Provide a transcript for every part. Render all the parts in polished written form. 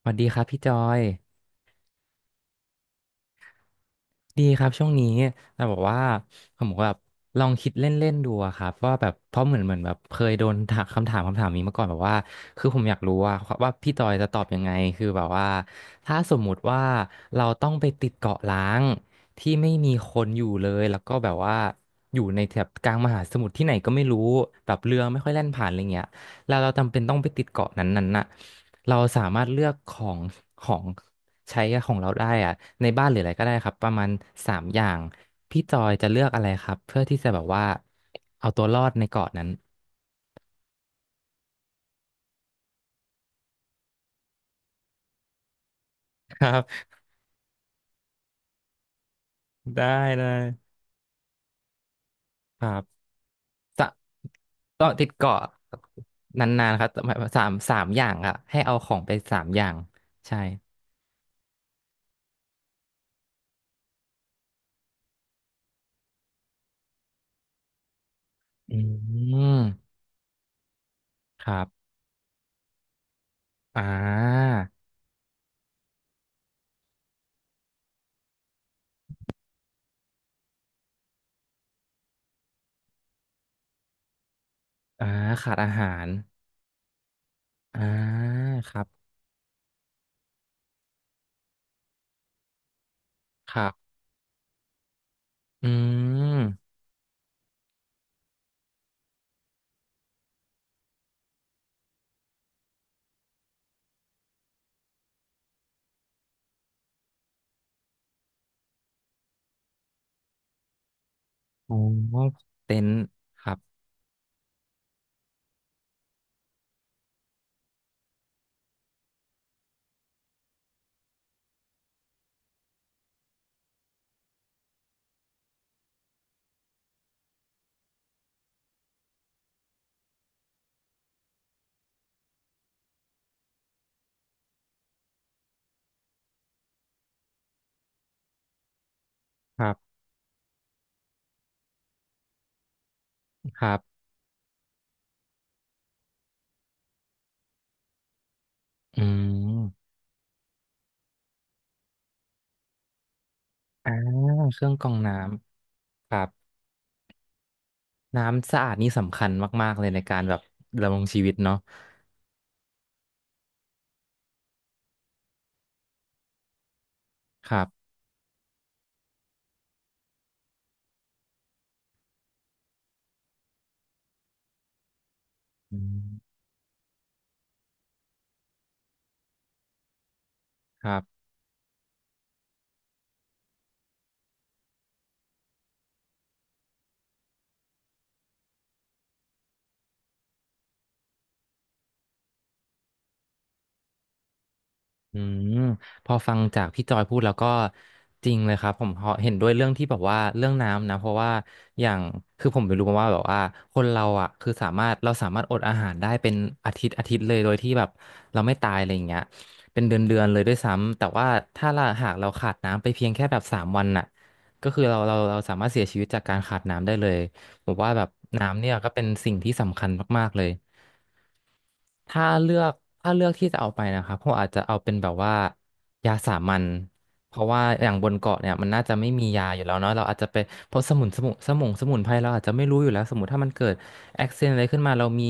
สวัสดีครับพี่จอย ดีครับช่วงนี้แต่บอกว่าผมก็แบบลองคิดเล่นๆดูอะครับว่าแบบเพราะเหมือนแบบเคยโดนถามคำถามนี้มาก่อนแบบว่าคือผมอยากรู้ว่าพี่จอยจะตอบยังไงคือแบบว่าถ้าสมมุติว่าเราต้องไปติดเกาะล้างที่ไม่มีคนอยู่เลยแล้วก็แบบว่าอยู่ในแถบกลางมหาสมุทรที่ไหนก็ไม่รู้แบบเรือไม่ค่อยแล่นผ่านอะไรเงี้ยแล้วเราจำเป็นต้องไปติดเกาะนั้นๆน่ะเราสามารถเลือกของ ใช้ของเราได้อะในบ้านหรืออะไรก็ได้ครับประมาณสามอย่างพี่จอยจะเลือกอะไรครับเพื่อที่จะแบบว่าเอาตัวรอดในเกาะนั้นครับได้ได้ครับสะเก็ติดเกาะนานๆครับหมายว่าสามอย่างอะให้เอาของไปสามอย่างใช่อืมครับอ่าอ่าขาดอาหารอ่าครับครับอืมอ๋อเต็นท์ครับครับครับ อืมอ่าเครื่องกรองน้ำครับน้ำสะอาดนี่สำคัญมากๆเลยในการแบบดำรงชีวิตเนาะครับอืมครับ อืมพอฟังจากพี่จอยพูดแล้วก็จริงเลยครับผมเห็นด้วยเรื่องที่แบบว่าเรื่องน้ำนะเพราะว่าอย่างคือผมไปรู้มาว่าแบบว่าคนเราอ่ะคือสามารถเราสามารถอดอาหารได้เป็นอาทิตย์เลยโดยที่แบบเราไม่ตายอะไรอย่างเงี้ยเป็นเดือนเลยด้วยซ้ำแต่ว่าถ้าเราหากเราขาดน้ำไปเพียงแค่แบบสามวันน่ะก็คือเราสามารถเสียชีวิตจากการขาดน้ำได้เลยผมว่าแบบน้ำเนี่ยก็เป็นสิ่งที่สำคัญมากๆเลย ถ้าเลือกถ้าเลือกที่จะเอาไปนะครับผมอาจจะเอาเป็นแบบว่ายาสามัญเพราะว่าอย่างบนเกาะเนี่ยมันน่าจะไม่มียาอยู่แล้วเนาะเราอาจจะไปเพราะสมุนไพรเราอาจจะไม่รู้อยู่แล้วสมมติถ้ามันเกิดแอคซิเดนอะไรขึ้นมาเรามี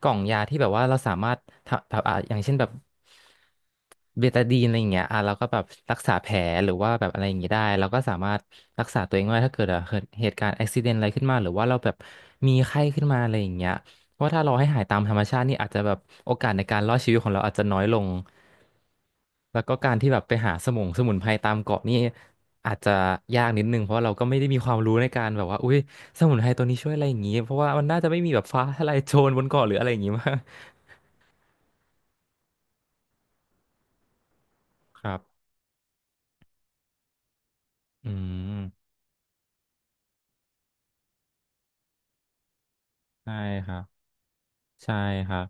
กล่องยาที่แบบว่าเราสามารถทำแบบอ่ะอย่างเช่นแบบเบตาดีนอะไรอย่างเงี้ยอ่ะเราก็แบบรักษาแผลหรือว่าแบบอะไรอย่างงี้ได้เราก็สามารถรักษาตัวเองได้ถ้าเกิดอ่ะเกิดเหตุการณ์แอคซิเดนอะไรขึ้นมาหรือว่าเราแบบมีไข้ขึ้นมาอะไรอย่างเงี้ย เพราะว่าถ้าเราให้หายตามธรรมชาตินี่อาจจะแบบโอกาสในการรอดชีวิตของเราอาจจะน้อยลงแล้วก็การที่แบบไปหาสมุนไพรตามเกาะนี่อาจจะยากนิดนึงเพราะเราก็ไม่ได้มีความรู้ในการแบบว่าอุ้ยสมุนไพรตัวนี้ช่วยอะไรอย่างงี้เพราะว่ามันน่าจะไม่มีแบบฟ้าทะลายโจรบนเกาะหรืออะไรอย่างงี้มากครับอืมใช่ครับใช่ครับ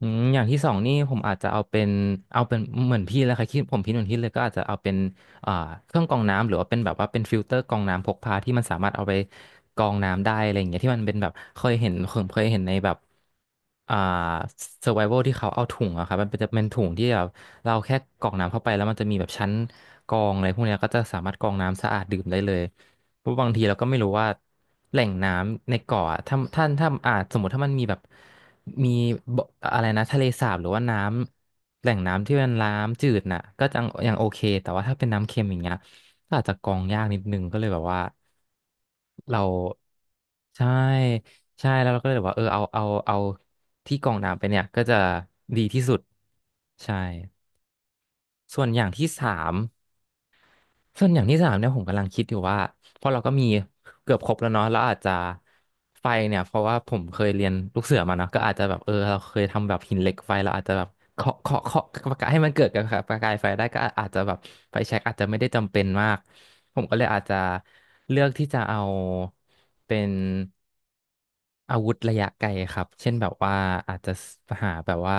อืมอย่างที่สองนี่ผมอาจจะเอาเป็นเหมือนพี่แล้วครัคิดผมคิดเหมือนพี่เลยก็อาจจะเอาเป็นอ่าเครื่องกรองน้ำหรือว่าเป็นแบบว่าเป็นฟิลเตอร์กรองน้ำพกพาที่มันสามารถเอาไปกรองน้ำได้อะไรอย่างเงี้ยที่มันเป็นแบบเคยเห็นผมเคยเห็นในแบบอ่า survival ที่เขาเอาถุงอะครับมันเป็นจะเป็นถุงที่แบบเราแค่กรอกน้ำเข้าไปแล้วมันจะมีแบบชั้นกรองอะไรพวกเนี้ยก็จะสามารถกรองน้ำสะอาดดื่มได้เลย เพราะบางทีเราก็ไม่รู้ว่าแหล่งน้ำในเกาะอะถ้าสมมติถ้ามันมีแบบมีบ่อะไรนะทะเลสาบหรือว่าน้ำแหล่งน้ำที่เป็นน้ำจืดน่ะก็ยังโอเคแต่ว่าถ้าเป็นน้ำเค็มอย่างเงี้ยก็อาจจะกรองยากนิดนึงก็เลยแบบว่าเราใช่ใช่แล้วเราก็เลยแบบว่าเออเอาที่กรองน้ำไปเนี่ยก็จะดีที่สุดใช่ส่วนอย่างที่สาม ส่วนอย่างที่สามเนี่ยผมกำลังคิดอยู่ว่าเพราะเราก็มีเกือบครบแล้วเนาะแล้วอาจจะไฟเนี่ยเพราะว่าผมเคยเรียนลูกเสือมาเนาะก็อาจจะแบบเออเราเคยทำแบบหินเหล็กไฟเราอาจจะแบบเคาะประกายให้มันเกิดกับประกายไฟได้ก็อาจจะแบบไฟแช็กอาจจะไม่ได้จำเป็นมากผมก็เลยอาจจะเลือกที่จะเอาเป็นอาวุธระยะไกลครับเช่นแบบว่าอาจจะหาแบบว่า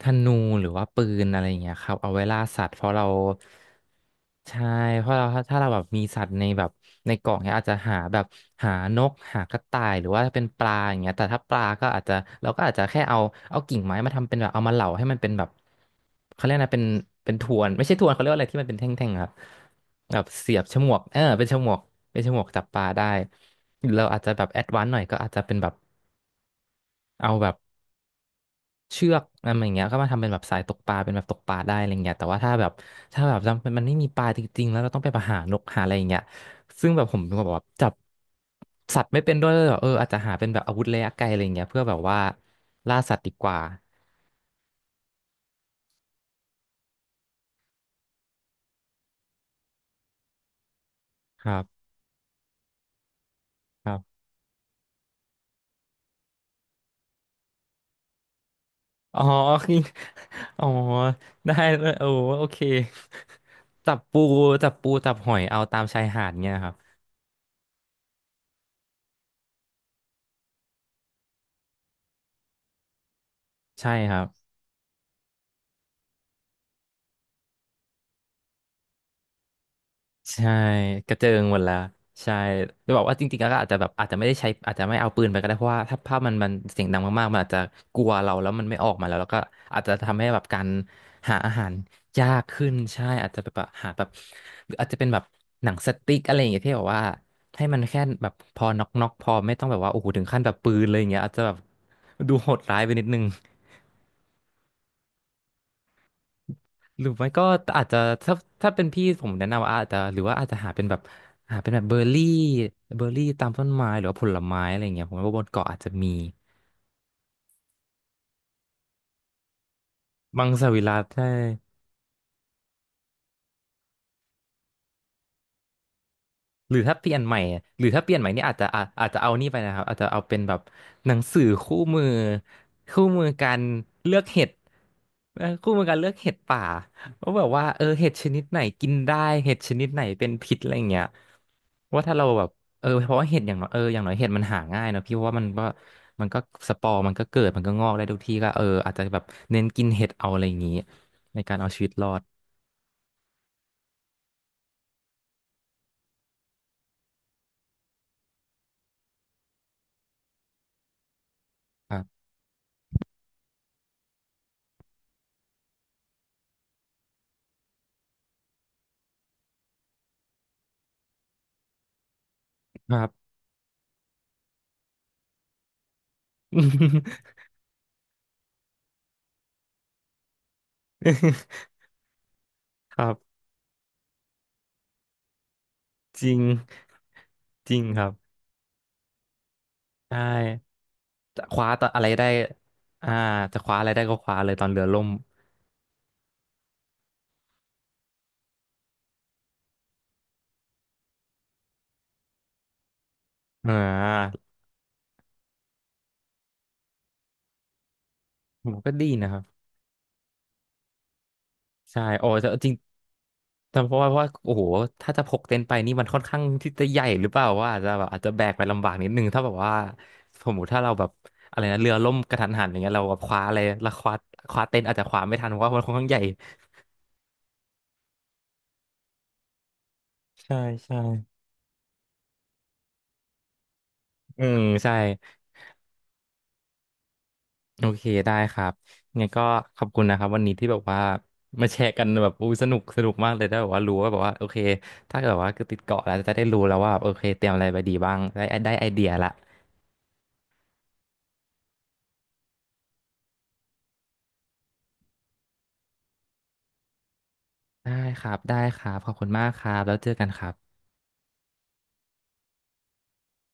ธนูหรือว่าปืนอะไรอย่างเงี้ยครับเอาไว้ล่าสัตว์เพราะเราใช่เพราะเราถ้าเราแบบมีสัตว์ในแบบในกล่องเนี้ยอาจจะหาแบบหานกหากระต่ายหรือว่าเป็นปลาอย่างเงี้ยแต่ถ้าปลาก็อาจจะเราก็อาจจะแค่เอาเอากิ่งไม้มาทำเป็นแบบเอามาเหลาให้มันเป็นแบบเขาเรียกนะเป็นเป็นทวนไม่ใช่ทวนเขาเรียกว่าอะไรที่มันเป็นแท่งๆครับแบบเสียบฉมวกเป็นฉมวกเป็นฉมวกจับปลาได้หรือเราอาจจะแบบแอดวานซ์หน่อยก็อาจจะเป็นแบบเอาแบบ เชือกอะไรอย่างเงี้ยก็มาทำเป็นแบบสายตกปลาเป็นแบบตกปลาได้อะไรเงี้ยแต่ว่าถ้าแบบถ้าแบบจำมันไม่มีปลาจริงๆแล้วเราต้องไปหานกหาอะไรอย่างเงี้ยซึ่งแบบผมเป็นคนแบบว่าจับสัตว์ไม่เป็นด้วยแบบอาจจะหาเป็นแบบอาวุธระยะไกลอะไรเงี้ยเพื่อแบบว่าล่าสัตว์ดีกว่าครับครับอ๋อ คืออ๋อได้เลยโอ้โอเค จับปูจับหอยเอาตามชายหาดเงี้ยครับใช่ครับ ใช่กระเจิงหมดแล้วใช่จะบอกว่าจริงๆแล้วก็อาจจะแบบอาจจะไม่ได้ใช้อาจจะไม่เอาปืนไปก็ได้เพราะว่าถ้าภาพมันเสียงดังมากๆมันอาจจะกลัวเราแล้วมันไม่ออกมาแล้วแล้วก็อาจจะทำให้แบบการหาอาหารยากขึ้นใช่อาจจะแบบหาแบบหรืออาจจะเป็นแบบหนังสติ๊กอะไรอย่างเงี้ยที่แบบว่าให้มันแค่แบบพอน็อกพอไม่ต้องแบบว่าโอ้โหถึงขั้นแบบปืนเลยอย่างเงี้ยอาจจะแบบดูโหดร้ายไปนิดนึง หรือไม่ก็อาจจะถ้าเป็นพี่ผมแนะนำว่าอาจจะหรือว่าอาจจะหาเป็นแบบหาเป็นแบบเบอร์รี่เบอร์รี่ตามต้นไม้หรือว่าผลไม้อะไรอย่างเงี้ยผมว่าบนเกาะอาจจะมีมังสวิรัติใช่ หรือถ้าเปลี่ยนใหม่หรือถ้าเปลี่ยนใหม่นี่อาจจะอาจจะเอานี่ไปนะครับอาจจะเอาเป็นแบบหนังสือคู่มือคู่มือการเลือกเห็ดคู่มือการเลือกเห็ดป่าว่าแบบว่าเห็ดชนิดไหนกินได้เห็ดชนิดไหนเป็นพิษอะไรอย่างเงี้ยว่าถ้าเราแบบเพราะว่าเห็ดอย่างน้อยอย่างน้อยเห็ดมันหาง่ายเนอะพี่ว่ามันก็มันก็สปอร์มันก็เกิดมันก็งอกได้ทุกที่ก็อาจจะแบบเน้นกินเห็ดเอาอะไรอย่างงี้ในการเอาชีวิตรอดครับครับ ครับ จริงจริงครับใช่จะคว้าตอนอะไรได้อ่าจะคว้าอะไรได้ก็คว้าเลยตอนเรือล่มอ่าผมก็ดีนะครับใช่โอ้แต่จริงแต่เพราะว่าโอ้โหถ้าจะพกเต็นท์ไปนี่มันค่อนข้างที่จะใหญ่หรือเปล่าว่าอาจจะแบบอาจจะแบกไปลำบากนิดนึงถ้าแบบว่าสมมติถ้าเราแบบอะไรนะเรือล่มกระทันหันอย่างเงี้ยเราแบบคว้าอะไรแล้วคว้าคว้าเต็นท์อาจจะคว้าไม่ทันเพราะว่ามันค่อนข้างใหญ่ใช่ใช่อืมใช่ โอเคได้ครับไงก็ขอบคุณนะครับวันนี้ที่แบบว่ามาแชร์กันแบบอู้สนุกสนุกมากเลยได้แบบว่ารู้ว่าแบบว่าโอเคถ้าเกิดว่าคือติดเกาะแล้วจะได้รู้แล้วว่าแบบโอเคเตรียมอะไรไปดีบ้างได้ได้ไอเดียละได้ครับได้ครับขอบคุณมากครับแล้วเจอกันครับ